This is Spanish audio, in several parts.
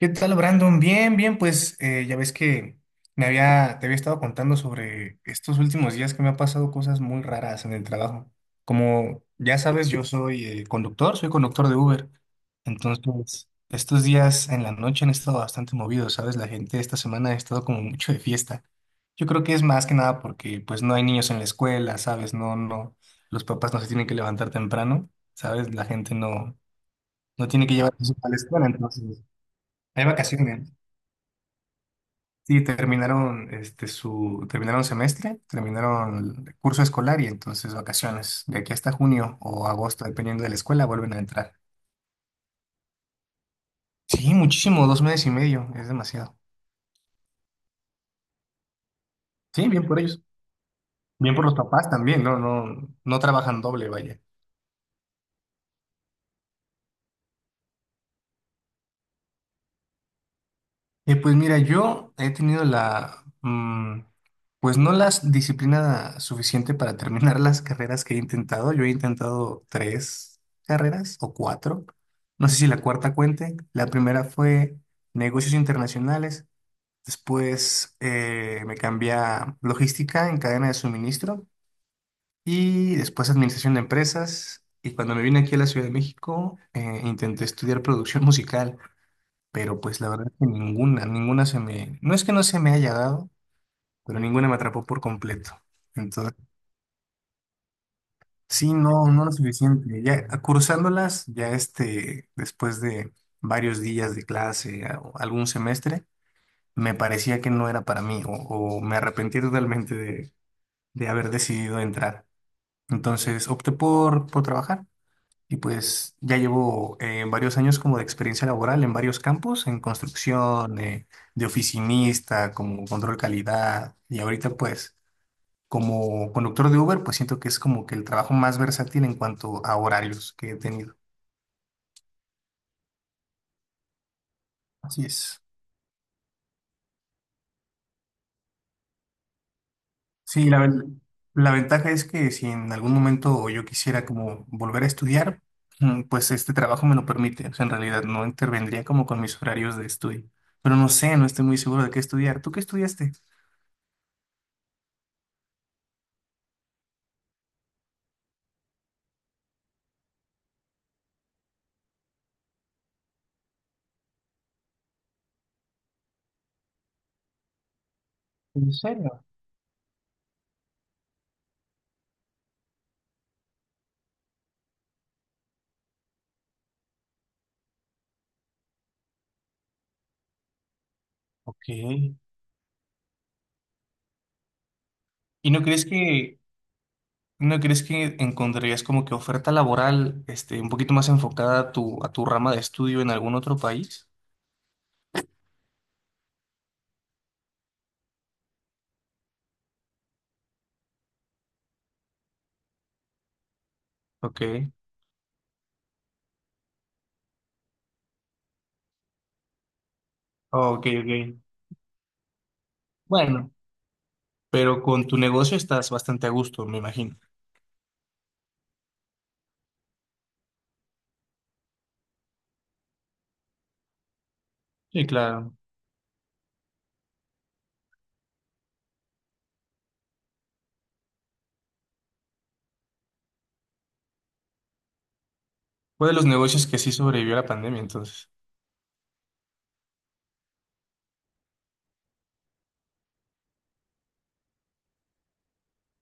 ¿Qué tal, Brandon? Bien, bien, pues ya ves que te había estado contando sobre estos últimos días que me han pasado cosas muy raras en el trabajo. Como ya sabes, yo soy conductor de Uber. Entonces, estos días en la noche han estado bastante movidos, ¿sabes? La gente esta semana ha estado como mucho de fiesta. Yo creo que es más que nada porque pues no hay niños en la escuela, ¿sabes? No, no, los papás no se tienen que levantar temprano, ¿sabes? La gente no, no tiene que llevar a sus hijos a la escuela, entonces hay vacaciones. Sí, terminaron este su terminaron semestre, terminaron el curso escolar y entonces vacaciones. De aquí hasta junio o agosto, dependiendo de la escuela, vuelven a entrar. Sí, muchísimo, 2 meses y medio, es demasiado. Sí, bien por ellos. Bien por los papás también, no, no, no trabajan doble, vaya. Pues mira, yo he tenido pues no la disciplina suficiente para terminar las carreras que he intentado. Yo he intentado tres carreras o cuatro. No sé si la cuarta cuente. La primera fue negocios internacionales. Después me cambié a logística en cadena de suministro y después administración de empresas. Y cuando me vine aquí a la Ciudad de México, intenté estudiar producción musical, pero pues la verdad es que ninguna se me, no es que no se me haya dado, pero ninguna me atrapó por completo. Entonces, sí, no, no lo suficiente. Ya cursándolas, ya después de varios días de clase o algún semestre, me parecía que no era para mí o me arrepentí totalmente de, haber decidido entrar. Entonces, opté por trabajar. Y pues ya llevo varios años como de experiencia laboral en varios campos, en construcción, de oficinista, como control calidad. Y ahorita pues como conductor de Uber, pues siento que es como que el trabajo más versátil en cuanto a horarios que he tenido. Así es. Sí, la ventaja es que si en algún momento yo quisiera como volver a estudiar, pues este trabajo me lo permite. O sea, en realidad no intervendría como con mis horarios de estudio. Pero no sé, no estoy muy seguro de qué estudiar. ¿Tú qué estudiaste? ¿En serio? Ok. ¿Y no crees que no crees que encontrarías como que oferta laboral un poquito más enfocada a tu rama de estudio en algún otro país? Ok. Oh, ok, ok. Bueno, pero con tu negocio estás bastante a gusto, me imagino. Sí, claro. Fue de los negocios que sí sobrevivió a la pandemia, entonces.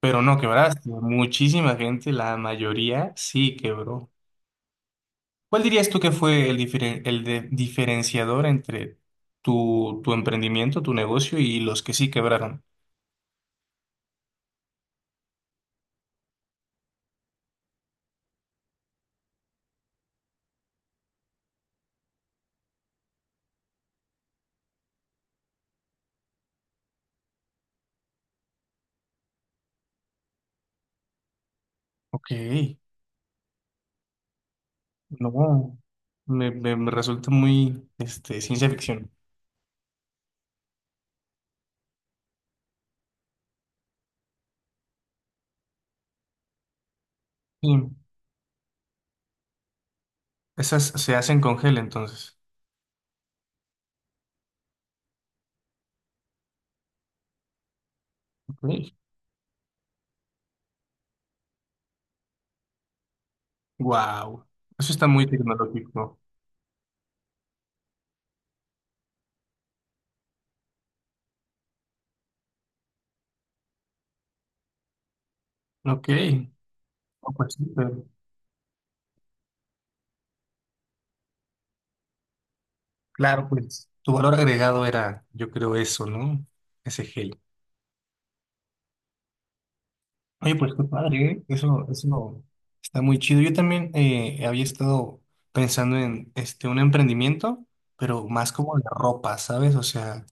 Pero no quebraste. Muchísima gente, la mayoría sí quebró. ¿Cuál dirías tú que fue el diferenciador entre tu emprendimiento, tu negocio y los que sí quebraron? Ok, no, me resulta muy ciencia ficción. Sí, esas se hacen con gel entonces. Ok, wow, eso está muy tecnológico. Ok, oh, pues sí, pero- claro, pues tu valor agregado era, yo creo, eso, ¿no? Ese gel. Oye, pues qué padre, ¿eh? Eso está muy chido. Yo también había estado pensando en un emprendimiento, pero más como de ropa, ¿sabes? O sea.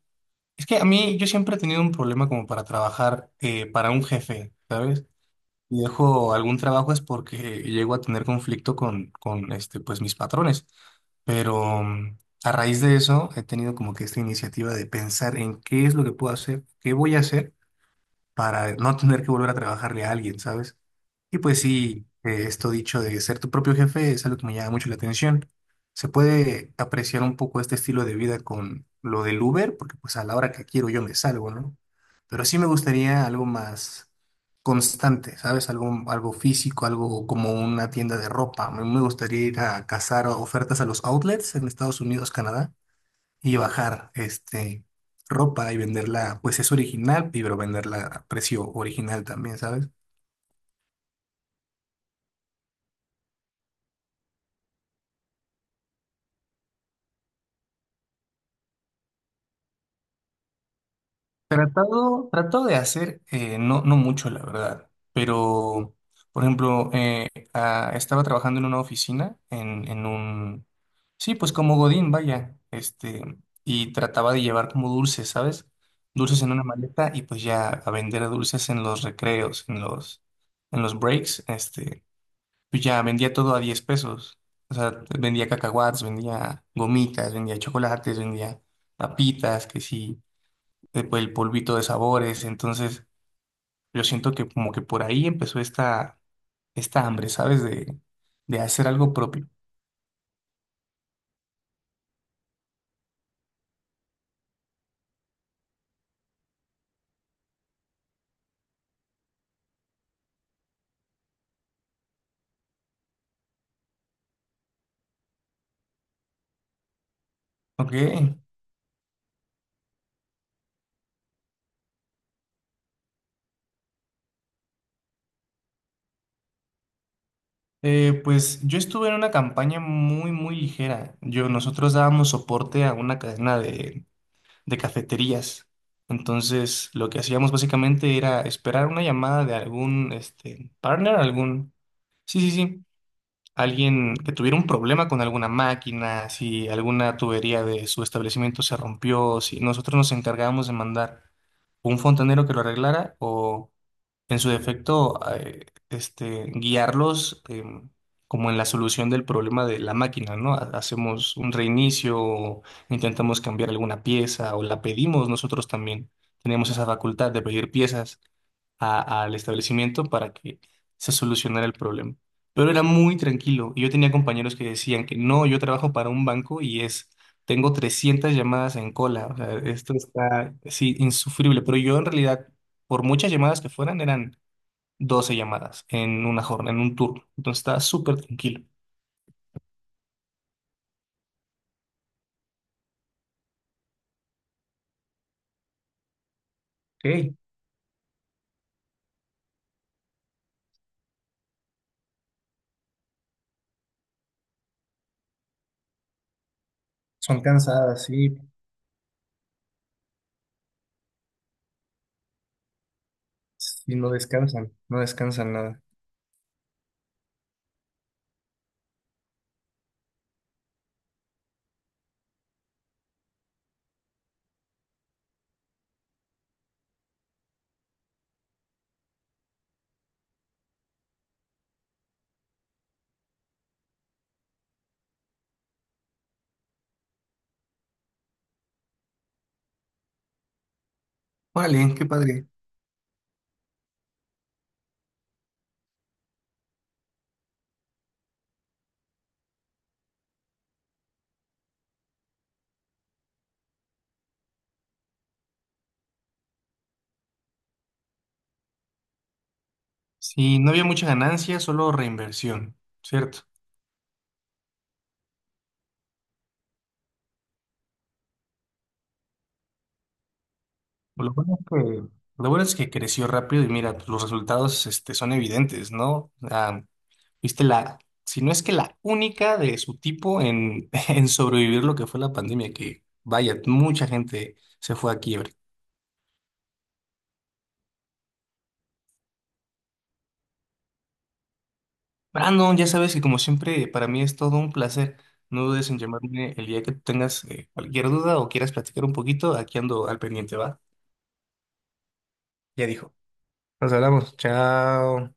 Es que a mí yo siempre he tenido un problema como para trabajar para un jefe, ¿sabes? Y dejo algún trabajo es porque llego a tener conflicto con pues, mis patrones. Pero a raíz de eso he tenido como que esta iniciativa de pensar en qué es lo que puedo hacer, qué voy a hacer para no tener que volver a trabajarle a alguien, ¿sabes? Y pues sí, esto dicho de ser tu propio jefe es algo que me llama mucho la atención. Se puede apreciar un poco este estilo de vida con lo del Uber, porque pues a la hora que quiero yo me salgo, ¿no? Pero sí me gustaría algo más constante, ¿sabes? Algo, algo físico, algo como una tienda de ropa. Me gustaría ir a cazar ofertas a los outlets en Estados Unidos, Canadá y bajar ropa y venderla, pues es original, pero venderla a precio original también, ¿sabes? Tratado, tratado de hacer, no, no mucho, la verdad, pero, por ejemplo, estaba trabajando en una oficina, sí, pues como Godín, vaya, y trataba de llevar como dulces, ¿sabes? Dulces en una maleta y pues ya a vender dulces en los recreos, en los breaks. Pues ya vendía todo a 10 pesos. O sea, vendía cacahuates, vendía gomitas, vendía chocolates, vendía papitas, que sí, después el polvito de sabores. Entonces, yo siento que como que por ahí empezó esta hambre, ¿sabes? De hacer algo propio. Ok. Pues yo estuve en una campaña muy, muy ligera. Nosotros dábamos soporte a una cadena de cafeterías. Entonces, lo que hacíamos básicamente era esperar una llamada de algún partner, algún, sí, sí, sí, alguien que tuviera un problema con alguna máquina. Si alguna tubería de su establecimiento se rompió, si nosotros nos encargábamos de mandar un fontanero que lo arreglara o en su defecto, guiarlos como en la solución del problema de la máquina, ¿no? Hacemos un reinicio, o intentamos cambiar alguna pieza o la pedimos nosotros también. Tenemos esa facultad de pedir piezas al establecimiento para que se solucionara el problema. Pero era muy tranquilo. Yo tenía compañeros que decían que no, yo trabajo para un banco y es... Tengo 300 llamadas en cola, o sea, esto está, sí, insufrible. Pero yo en realidad por muchas llamadas que fueran, eran 12 llamadas en una jornada, en un turno. Entonces está súper tranquilo. Ok, son cansadas, sí, y no descansan, no descansan nada. Vale, qué padre. Sí, no había mucha ganancia, solo reinversión, ¿cierto? Lo bueno es que, lo bueno es que creció rápido y mira, pues, los resultados son evidentes, ¿no? Ah, viste si no es que la única de su tipo en, en sobrevivir lo que fue la pandemia, que vaya, mucha gente se fue a quiebre. Brandon, ya sabes que como siempre, para mí es todo un placer. No dudes en llamarme el día que tengas cualquier duda o quieras platicar un poquito. Aquí ando al pendiente, ¿va? Ya dijo. Nos hablamos. Chao.